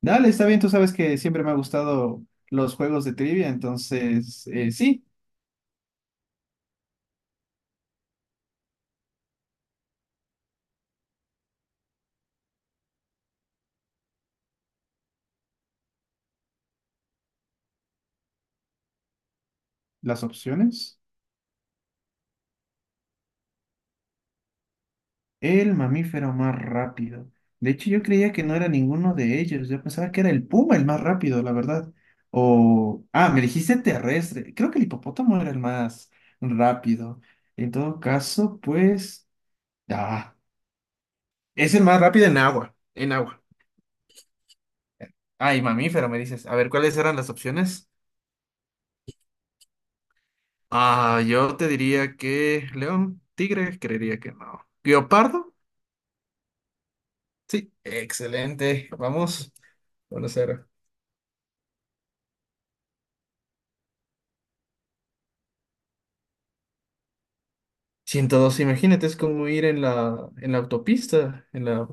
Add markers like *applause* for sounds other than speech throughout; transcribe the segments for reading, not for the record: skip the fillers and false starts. Dale, está bien, tú sabes que siempre me ha gustado los juegos de trivia, entonces sí, las opciones. El mamífero más rápido. De hecho, yo creía que no era ninguno de ellos, yo pensaba que era el puma el más rápido, la verdad. O, ah, me dijiste terrestre, creo que el hipopótamo era el más rápido. En todo caso, pues, ah, es el más rápido en agua, en agua. Ah, y mamífero, me dices. A ver, ¿cuáles eran las opciones? Ah, yo te diría que león, tigre, creería que no. ¿Guiopardo? Sí, excelente. Vamos, 1-0. 102, imagínate, es como ir en la autopista,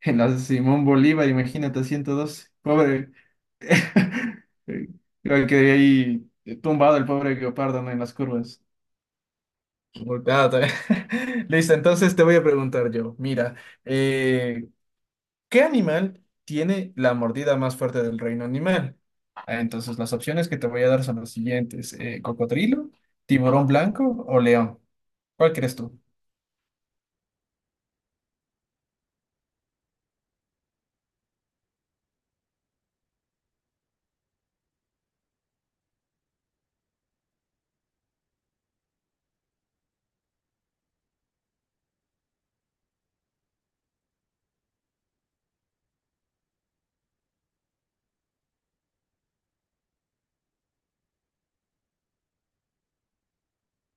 en la Simón Bolívar, imagínate, 102. Pobre. *laughs* Creo que ahí tumbado el pobre guiopardo, ¿no? En las curvas. Multado también. *laughs* Listo, entonces te voy a preguntar yo. Mira, ¿qué animal tiene la mordida más fuerte del reino animal? Ah, entonces, las opciones que te voy a dar son las siguientes: cocodrilo, tiburón blanco o león. ¿Cuál crees tú?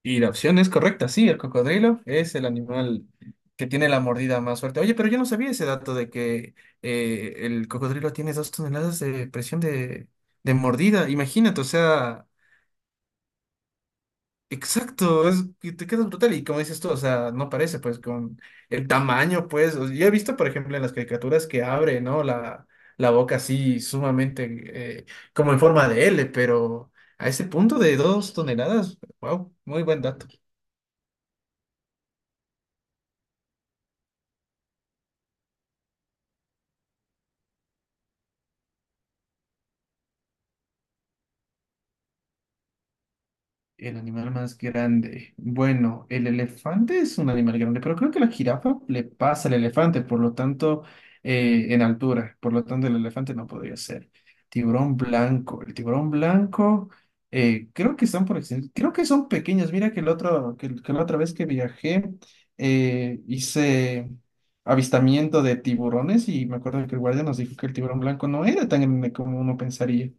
Y la opción es correcta, sí, el cocodrilo es el animal que tiene la mordida más fuerte. Oye, pero yo no sabía ese dato de que el cocodrilo tiene 2 toneladas de presión de mordida. Imagínate, o sea, exacto, es que te quedas brutal y como dices tú, o sea, no parece pues con el tamaño, pues, o- yo he visto, por ejemplo, en las caricaturas que abre, ¿no? La boca así sumamente eh, como en forma de L, pero a ese punto de 2 toneladas, wow, muy buen dato. El animal más grande. Bueno, el elefante es un animal grande, pero creo que la jirafa le pasa al elefante, por lo tanto, en altura. Por lo tanto, el elefante no podría ser. Tiburón blanco. El tiburón blanco, creo que están por extin- creo que son pequeños. Mira que, que la otra vez que viajé, hice avistamiento de tiburones y me acuerdo que el guardia nos dijo que el tiburón blanco no era tan grande como uno pensaría.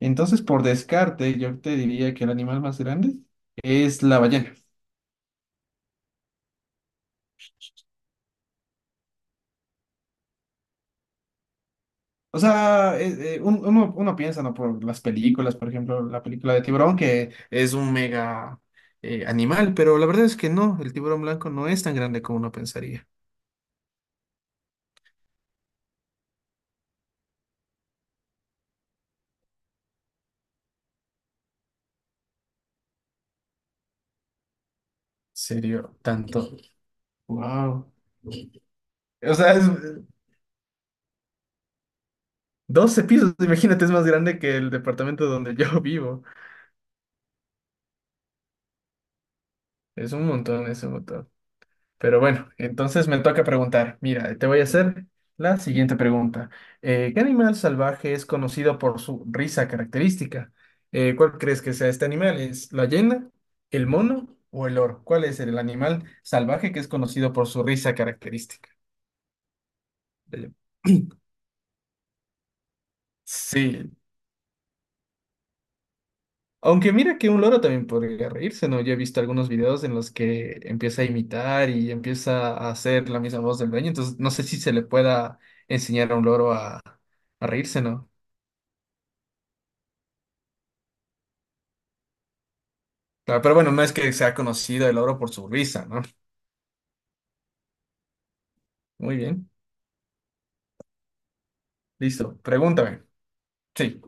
Entonces, por descarte, yo te diría que el animal más grande es la ballena. O sea, uno piensa, ¿no? Por las películas, por ejemplo, la película de tiburón, que es un mega animal, pero la verdad es que no, el tiburón blanco no es tan grande como uno pensaría. ¿Serio? Tanto. Wow. O sea, es 12 pisos, *laughs* imagínate, es más grande que el departamento donde yo *laughs* vivo. Es un montón, es un montón. Pero bueno, entonces me toca preguntar. Mira, te voy a hacer la siguiente pregunta. ¿Qué animal salvaje es conocido por su risa característica? ¿Cuál crees que sea este animal? ¿Es la hiena, el mono o el oro? ¿Cuál es el animal salvaje que es conocido por su risa característica? Dale. *clears throat* Sí, aunque mira que un loro también podría reírse, ¿no? Yo he visto algunos videos en los que empieza a imitar y empieza a hacer la misma voz del dueño, entonces no sé si se le pueda enseñar a un loro a reírse, ¿no? Claro, pero bueno, no es que sea conocido el loro por su risa, ¿no? Muy bien, listo, pregúntame. Sí.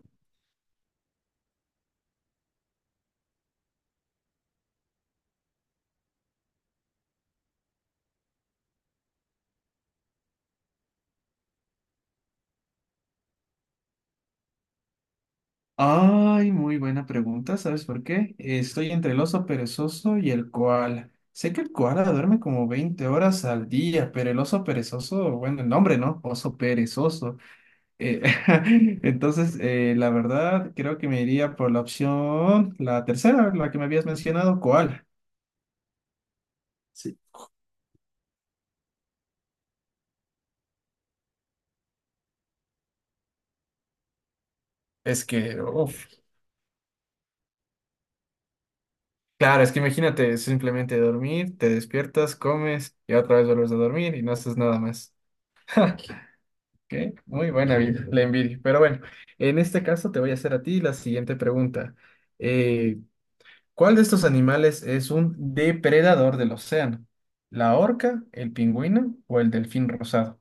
Ay, muy buena pregunta, ¿sabes por qué? Estoy entre el oso perezoso y el koala. Sé que el koala duerme como 20 horas al día, pero el oso perezoso, bueno, el nombre, ¿no? Oso perezoso. Eh, *laughs* entonces, la verdad, creo que me iría por la opción, la tercera, la que me habías mencionado, ¿cuál? Sí. Es que, uf, claro, es que imagínate simplemente dormir, te despiertas, comes y otra vez vuelves a dormir y no haces nada más. ¿Qué? Muy buena vida, la envidia. Pero bueno, en este caso te voy a hacer a ti la siguiente pregunta. Eh, ¿Cuál de estos animales es un depredador del océano? ¿La orca, el pingüino o el delfín rosado?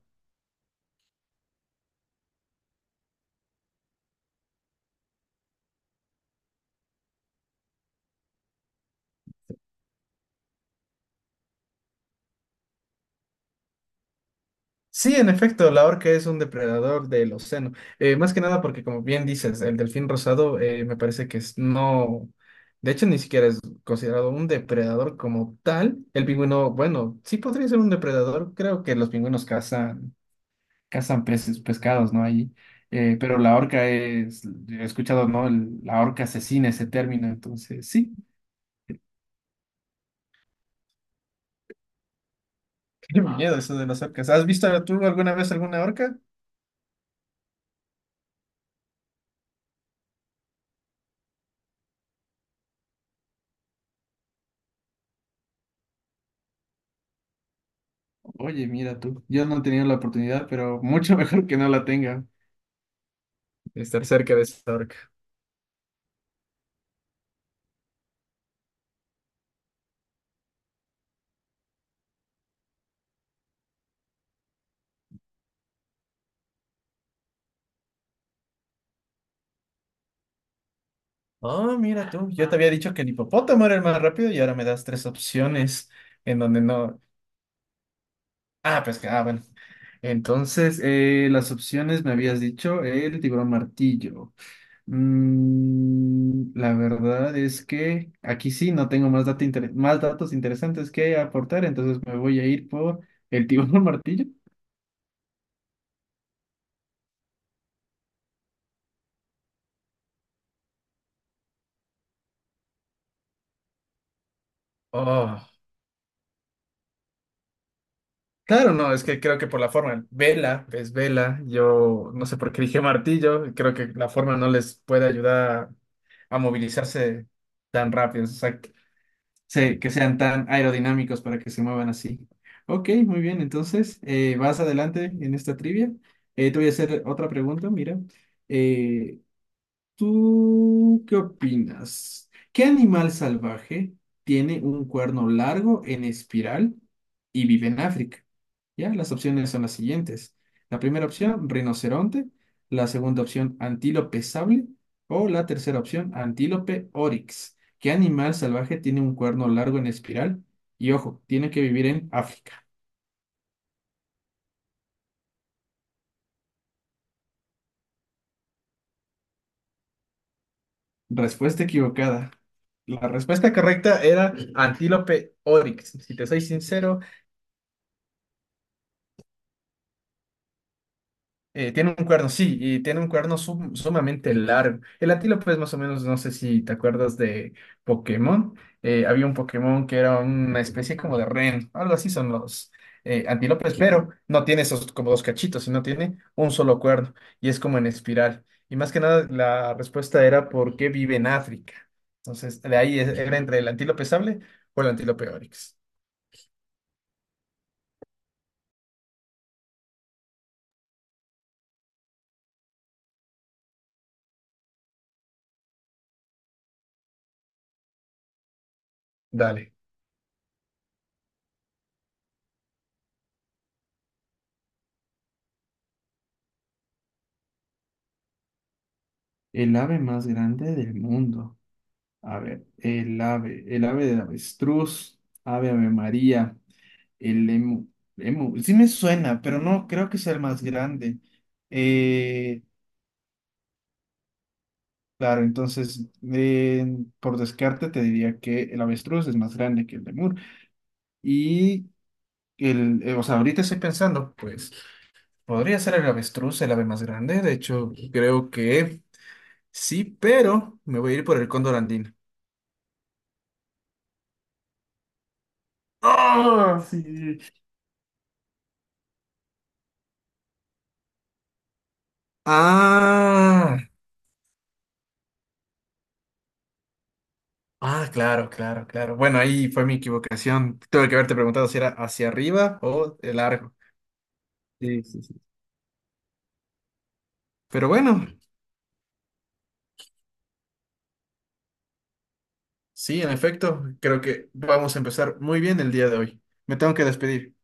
Sí, en efecto, la orca es un depredador del océano. Más que nada porque, como bien dices, el delfín rosado me parece que es no, de hecho ni siquiera es considerado un depredador como tal. El pingüino, bueno, sí podría ser un depredador. Creo que los pingüinos cazan peces, pescados, ¿no? Ahí. Pero la orca es, he escuchado, ¿no? El- la orca asesina ese término, entonces sí. *laughs* Qué miedo eso de las orcas. ¿Has visto tú alguna vez alguna orca? Oye, mira tú, yo no he tenido la oportunidad, pero mucho *laughs* mejor que no la tenga. Estar cerca de esa orca. Oh, mira tú, yo te había dicho que el hipopótamo era el más rápido y ahora me das tres opciones en donde no. Ah, pues que, ah, bueno. Entonces, las opciones me habías dicho el tiburón martillo. Mm, la verdad es que aquí sí no tengo más, más datos interesantes que aportar, entonces me voy a ir por el tiburón *laughs* martillo. Oh. Claro, no, es que creo que por la forma, vela, es vela, yo no sé por qué dije martillo, creo que la forma no les puede ayudar a movilizarse tan rápido, o sea, que, se- que sean tan aerodinámicos para que se muevan así. Ok, muy bien, entonces vas adelante en esta trivia. Te voy a hacer otra pregunta, mira. eh, ¿Tú qué opinas? ¿Qué animal salvaje tiene un cuerno largo en espiral y vive en África? Ya, las opciones son las siguientes. La primera opción, rinoceronte. La segunda opción, antílope sable. O la tercera opción, antílope oryx. ¿Qué animal salvaje tiene un cuerno largo en espiral? Y ojo, tiene que vivir en África. Respuesta equivocada. La respuesta correcta era antílope oryx. Si te soy sincero, eh, tiene un cuerno, sí, y tiene un cuerno sumamente largo. El antílope es más o menos, no sé si te acuerdas de Pokémon. Había un Pokémon que era una especie como de ren, algo así son los antílopes, pero no tiene esos como dos cachitos, sino tiene un solo cuerno y es como en espiral. Y más que nada, la respuesta era por qué vive en África. Entonces, de ahí era entre el antílope sable o el antílope oryx. Dale. El ave más grande del mundo. A ver, el ave del avestruz, ave Ave María, el emu, emu, sí me suena, pero no creo que sea el más grande. Eh, claro, entonces, eh, por descarte te diría que el avestruz es más grande que el lemur. Y el, o sea, ahorita estoy pensando, pues, podría ser el avestruz el ave más grande, de hecho, creo que sí, pero me voy a ir por el cóndor andino. ¡Ah, sí! Ah, ah, claro, claro, claro. Bueno, ahí fue mi equivocación. Tuve que haberte preguntado si era hacia arriba o el largo. Sí, sí, sí. Pero bueno, sí, en efecto, creo que vamos a empezar muy bien el día de hoy. Me tengo que despedir.